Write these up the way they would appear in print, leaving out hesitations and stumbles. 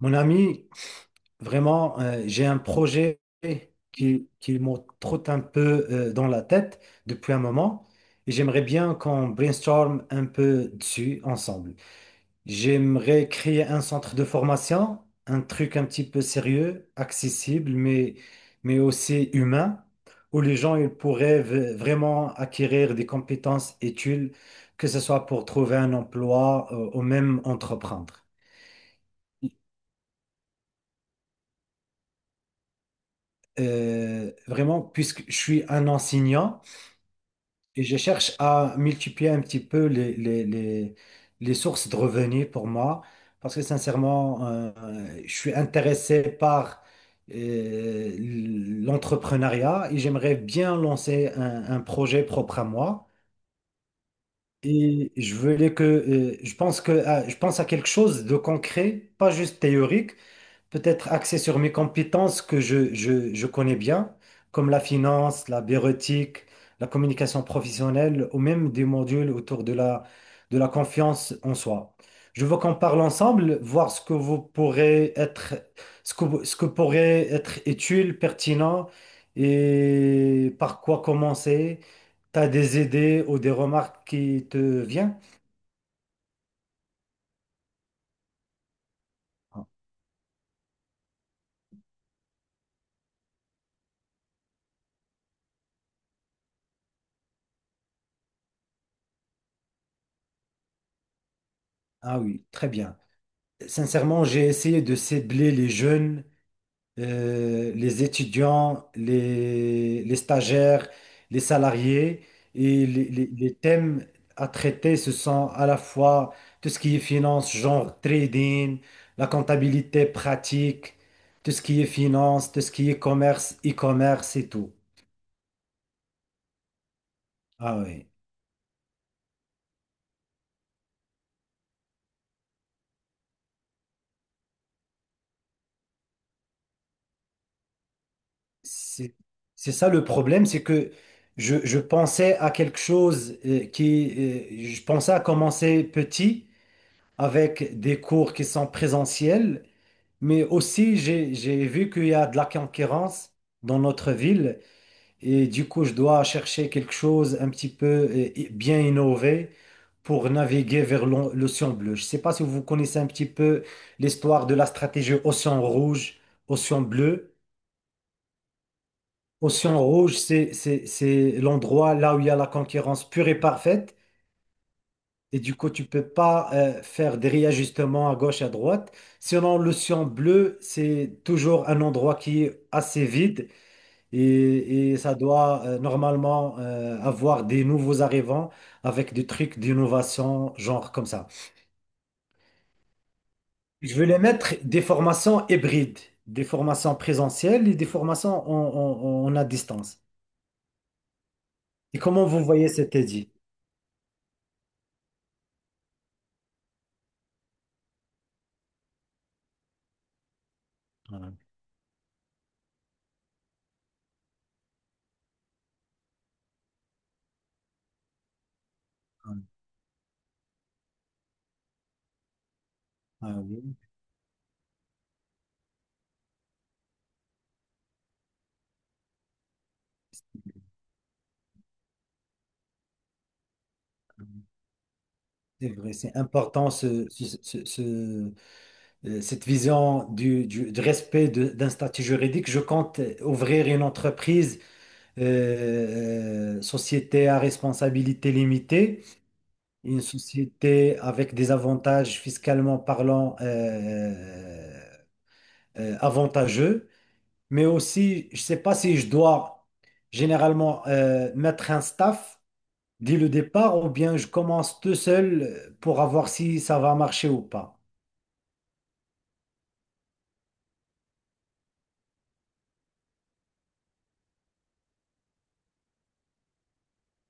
Mon ami, vraiment, j'ai un projet qui me trotte un peu dans la tête depuis un moment et j'aimerais bien qu'on brainstorm un peu dessus ensemble. J'aimerais créer un centre de formation, un truc un petit peu sérieux, accessible, mais aussi humain, où les gens ils pourraient vraiment acquérir des compétences utiles, que ce soit pour trouver un emploi ou même entreprendre. Vraiment, puisque je suis un enseignant et je cherche à multiplier un petit peu les sources de revenus pour moi, parce que sincèrement, je suis intéressé par euh, l'entrepreneuriat et j'aimerais bien lancer un projet propre à moi. Et je voulais que, je pense que, je pense à quelque chose de concret, pas juste théorique, peut-être axé sur mes compétences que je connais bien, comme la finance, la bureautique, la communication professionnelle ou même des modules autour de la confiance en soi. Je veux qu'on parle ensemble, voir ce que vous pourrez être, ce que pourrait être utile, pertinent, et par quoi commencer. Tu as des idées ou des remarques qui te viennent? Ah oui, très bien. Sincèrement, j'ai essayé de cibler les jeunes, les étudiants, les stagiaires, les salariés. Et les thèmes à traiter, ce sont à la fois tout ce qui est finance, genre trading, la comptabilité pratique, tout ce qui est finance, tout ce qui est commerce, e-commerce et tout. Ah oui. C'est, c'est ça le problème, c'est que je pensais à quelque chose je pensais à commencer petit avec des cours qui sont présentiels. Mais aussi, j'ai vu qu'il y a de la concurrence dans notre ville et du coup, je dois chercher quelque chose un petit peu bien innové pour naviguer vers l'océan bleu. Je ne sais pas si vous connaissez un petit peu l'histoire de la stratégie océan rouge, océan bleu. Océan rouge, c'est l'endroit là où il y a la concurrence pure et parfaite. Et du coup, tu peux pas faire des réajustements à gauche à droite. Sinon, l'océan bleu, c'est toujours un endroit qui est assez vide et ça doit normalement avoir des nouveaux arrivants avec des trucs d'innovation, genre comme ça. Je vais les mettre des formations hybrides, des formations présentielles et des formations à distance. Et comment vous voyez cet édit? Ah, ah, ah oui, c'est vrai, c'est important cette vision du respect d'un statut juridique, je compte ouvrir une entreprise, société à responsabilité limitée, une société avec des avantages fiscalement parlant avantageux, mais aussi, je ne sais pas si je dois généralement mettre un staff dès le départ ou bien je commence tout seul pour avoir si ça va marcher ou pas.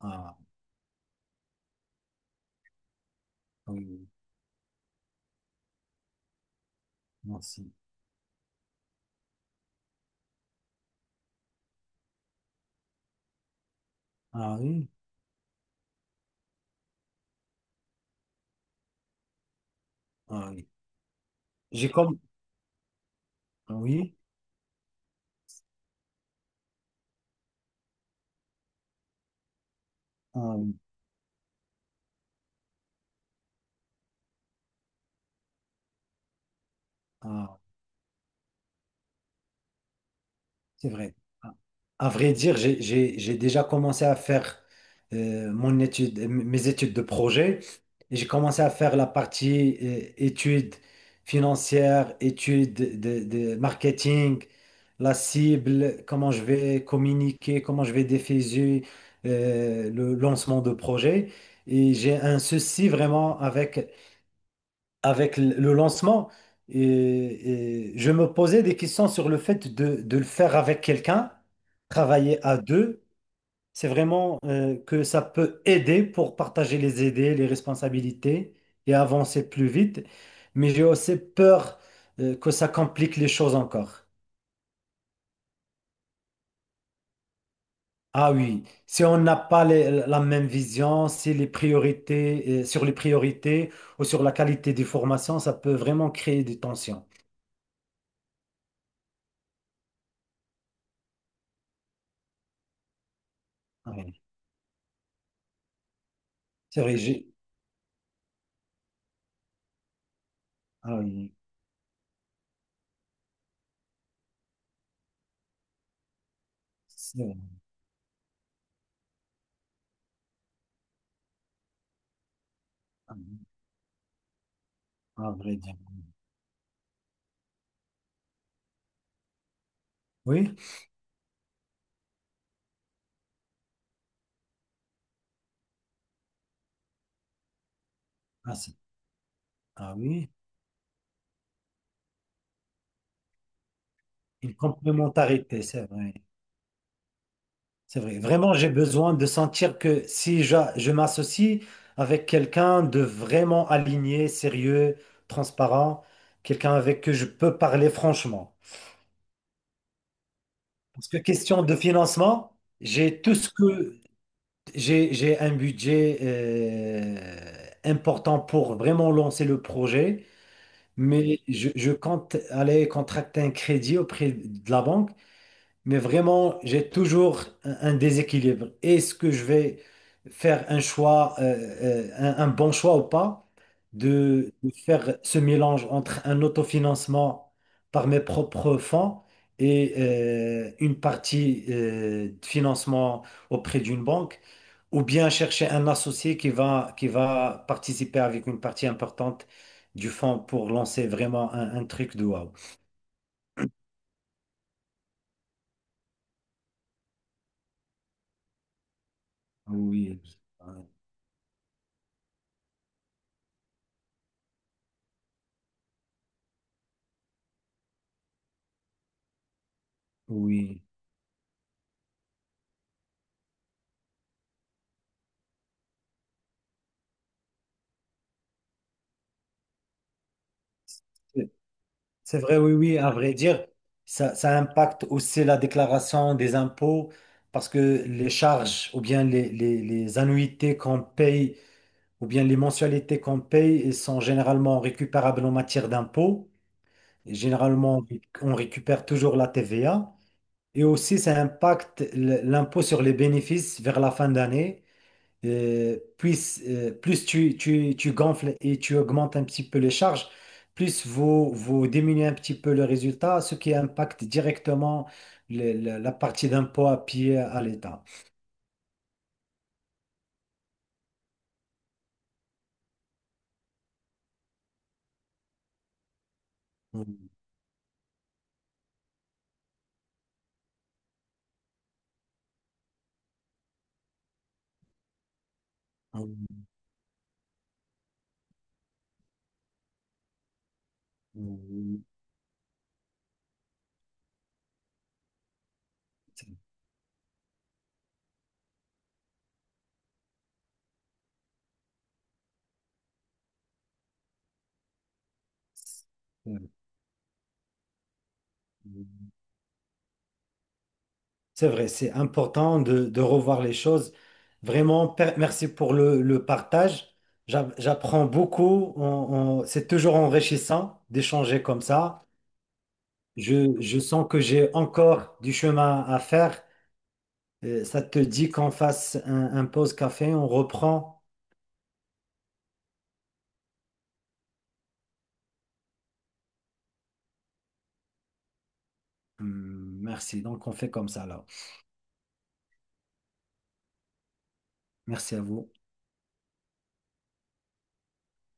Ah, oui, merci. Ah oui. Ah oui. J'ai comme, oui, euh, euh, c'est vrai. À vrai dire, j'ai déjà commencé à faire mon étude, mes études de projet. Et j'ai commencé à faire la partie études financières, études de marketing, la cible, comment je vais communiquer, comment je vais diffuser le lancement de projet. Et j'ai un souci vraiment avec avec le lancement, et je me posais des questions sur le fait de le faire avec quelqu'un, travailler à deux. C'est vraiment que ça peut aider pour partager les idées, les responsabilités et avancer plus vite. Mais j'ai aussi peur que ça complique les choses encore. Ah oui, si on n'a pas la même vision, si les priorités, sur les priorités ou sur la qualité des formations, ça peut vraiment créer des tensions. Ah oui, c'est vrai, j'ai... Ah oui. C'est vrai, à vrai dire. Oui, ah, c'est- ah oui, une complémentarité, c'est vrai. C'est vrai. Vraiment, j'ai besoin de sentir que si je m'associe avec quelqu'un de vraiment aligné, sérieux, transparent, quelqu'un avec qui je peux parler franchement. Parce que question de financement, j'ai tout ce que j'ai un budget important pour vraiment lancer le projet. Mais je compte aller contracter un crédit auprès de la banque, mais vraiment, j'ai toujours un déséquilibre. Est-ce que je vais faire un choix, un bon choix ou pas, de faire ce mélange entre un autofinancement par mes propres fonds et une partie de financement auprès d'une banque? Ou bien chercher un associé qui va participer avec une partie importante du fonds pour lancer vraiment un truc de wow. Oui, oui. C'est vrai, oui, oui, à vrai dire, ça impacte aussi la déclaration des impôts parce que les charges ou bien les annuités qu'on paye ou bien les mensualités qu'on paye, elles sont généralement récupérables en matière d'impôts. Et généralement, on récupère toujours la TVA. Et aussi, ça impacte l'impôt sur les bénéfices vers la fin d'année. Plus plus tu gonfles et tu augmentes un petit peu les charges, plus vous diminuez un petit peu le résultat, ce qui impacte directement la partie d'impôt à payer à l'État. Mm, mm, mm, mm. C'est vrai, c'est important de revoir les choses. Vraiment, merci pour le partage. J'apprends beaucoup. C'est toujours enrichissant d'échanger comme ça. Je sens que j'ai encore du chemin à faire. Ça te dit qu'on fasse un pause café, on reprend. Merci. Donc, on fait comme ça là. Merci à vous.